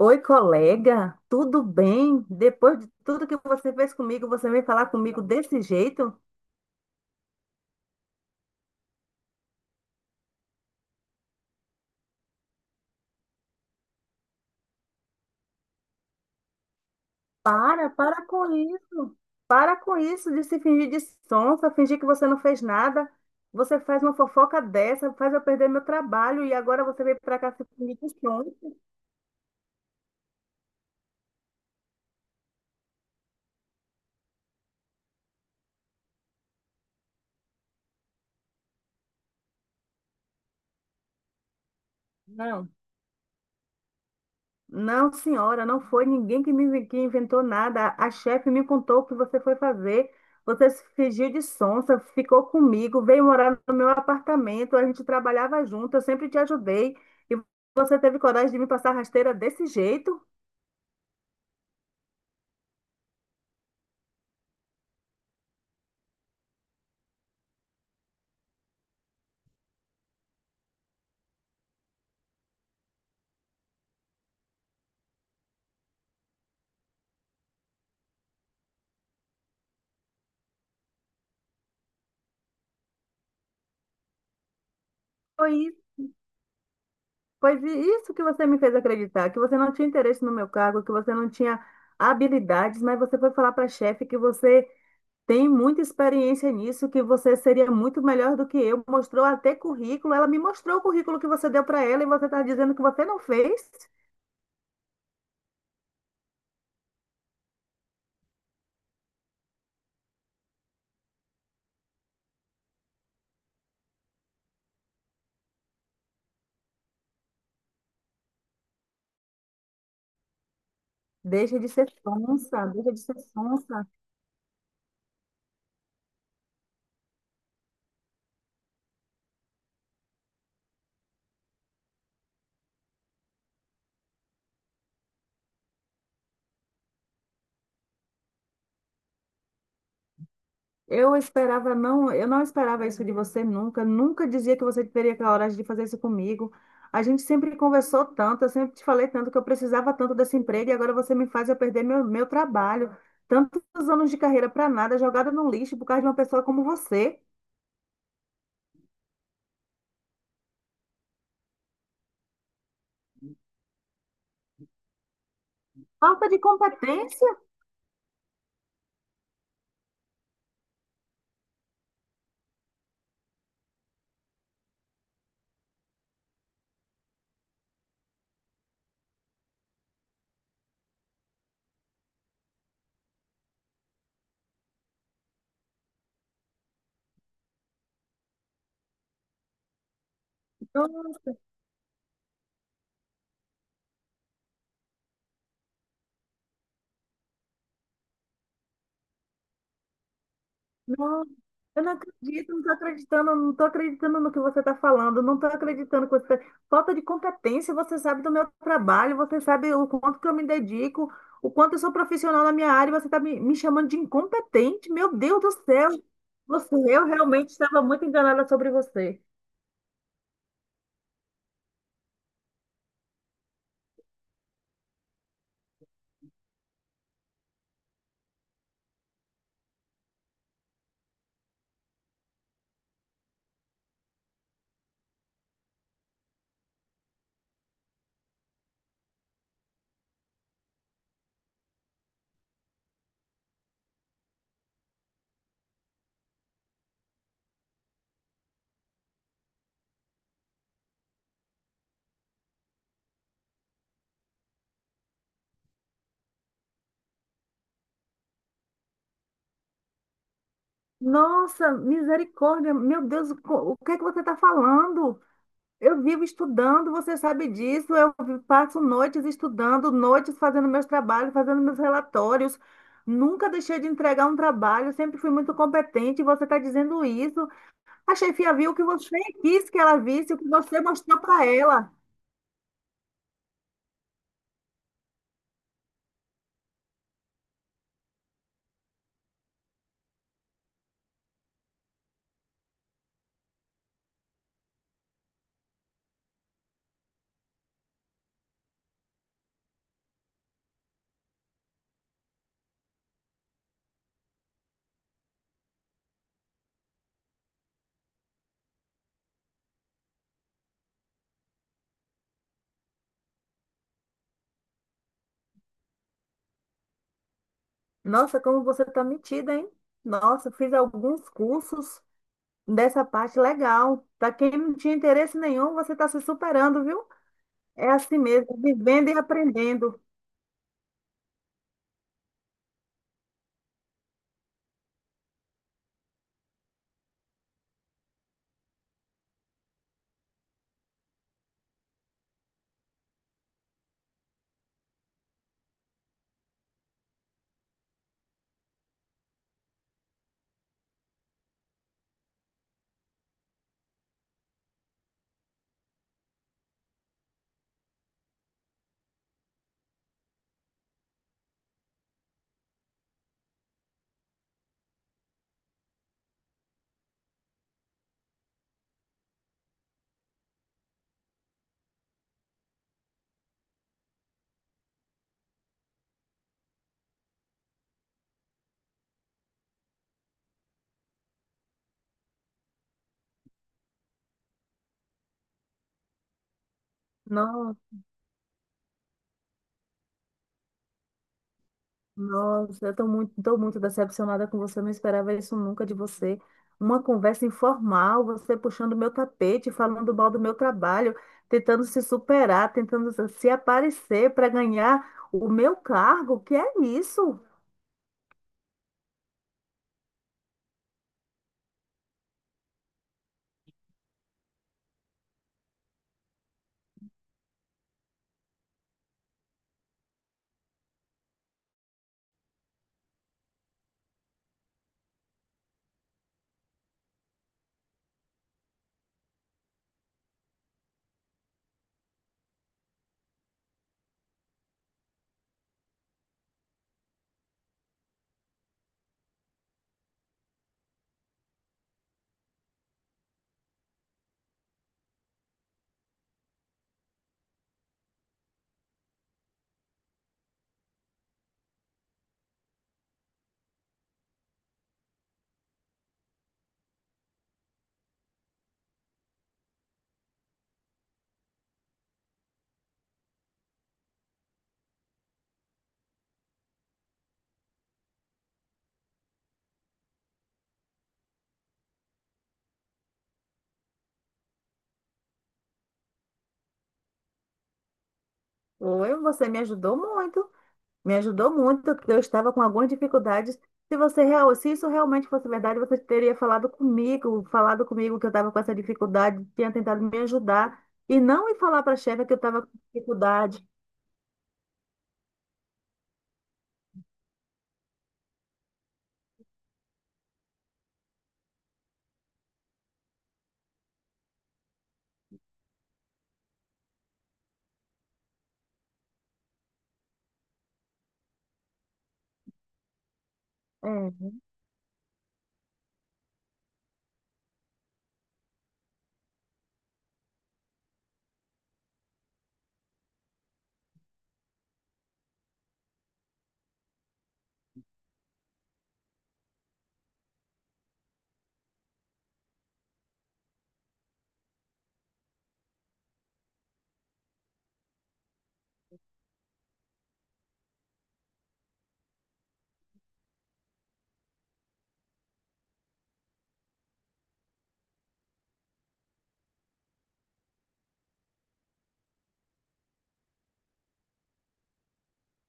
Oi, colega, tudo bem? Depois de tudo que você fez comigo, você vem falar comigo desse jeito? Para, para com isso. Para com isso de se fingir de sonsa, fingir que você não fez nada. Você faz uma fofoca dessa, faz eu perder meu trabalho e agora você vem para cá se fingir de sonsa. Não. Não, senhora, não foi ninguém que inventou nada. A chefe me contou o que você foi fazer. Você se fingiu de sonsa, ficou comigo, veio morar no meu apartamento. A gente trabalhava junto, eu sempre te ajudei. E você teve coragem de me passar rasteira desse jeito? Foi, i- foi vi- Isso que você me fez acreditar, que você não tinha interesse no meu cargo, que você não tinha habilidades, mas você foi falar para a chefe que você tem muita experiência nisso, que você seria muito melhor do que eu. Mostrou até currículo. Ela me mostrou o currículo que você deu para ela e você está dizendo que você não fez. Deixa de ser sonsa, deixa de ser sonsa. Eu não esperava isso de você nunca. Nunca dizia que você teria coragem de fazer isso comigo. A gente sempre conversou tanto, eu sempre te falei tanto que eu precisava tanto desse emprego e agora você me faz eu perder meu trabalho. Tantos anos de carreira para nada, jogada no lixo por causa de uma pessoa como você. Falta de competência. Nossa, não, eu não acredito, não estou acreditando, não estou acreditando no que você está falando, não estou acreditando que você. Falta de competência, você sabe do meu trabalho, você sabe o quanto que eu me dedico, o quanto eu sou profissional na minha área, e você está me chamando de incompetente, meu Deus do céu! Você, eu realmente estava muito enganada sobre você. Nossa, misericórdia, meu Deus, o que é que você está falando? Eu vivo estudando, você sabe disso. Passo noites estudando, noites fazendo meus trabalhos, fazendo meus relatórios. Nunca deixei de entregar um trabalho, sempre fui muito competente. E você está dizendo isso. A chefia viu o que você quis que ela visse, o que você mostrou para ela. Nossa, como você está metida, hein? Nossa, fiz alguns cursos dessa parte legal. Para quem não tinha interesse nenhum, você está se superando, viu? É assim mesmo, vivendo e aprendendo. Não. Nossa, tô muito decepcionada com você, não esperava isso nunca de você. Uma conversa informal, você puxando meu tapete, falando mal do meu trabalho, tentando se superar, tentando se aparecer para ganhar o meu cargo. Que é isso? Oi, você me ajudou muito. Me ajudou muito, porque eu estava com algumas dificuldades. Se isso realmente fosse verdade, você teria falado comigo que eu estava com essa dificuldade, tinha tentado me ajudar e não ir falar para a chefe que eu estava com dificuldade. É,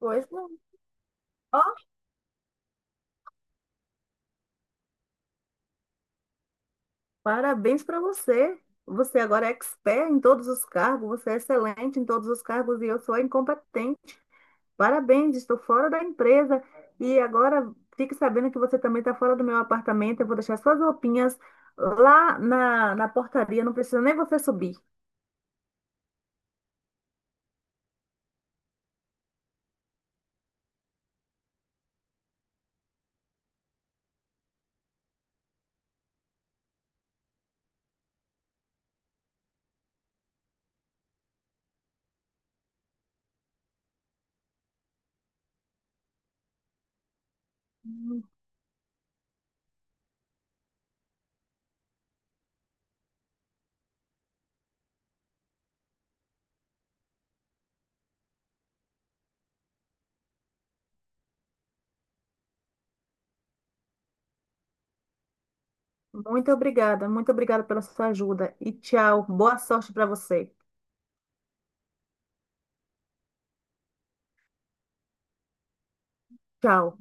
pois não. Ó, parabéns para você. Você agora é expert em todos os cargos, você é excelente em todos os cargos e eu sou a incompetente. Parabéns, estou fora da empresa. E agora fique sabendo que você também está fora do meu apartamento. Eu vou deixar suas roupinhas lá na portaria. Não precisa nem você subir. Hum, Muito obrigada, muito obrigada pela sua ajuda. E tchau. Boa sorte para você. Tchau.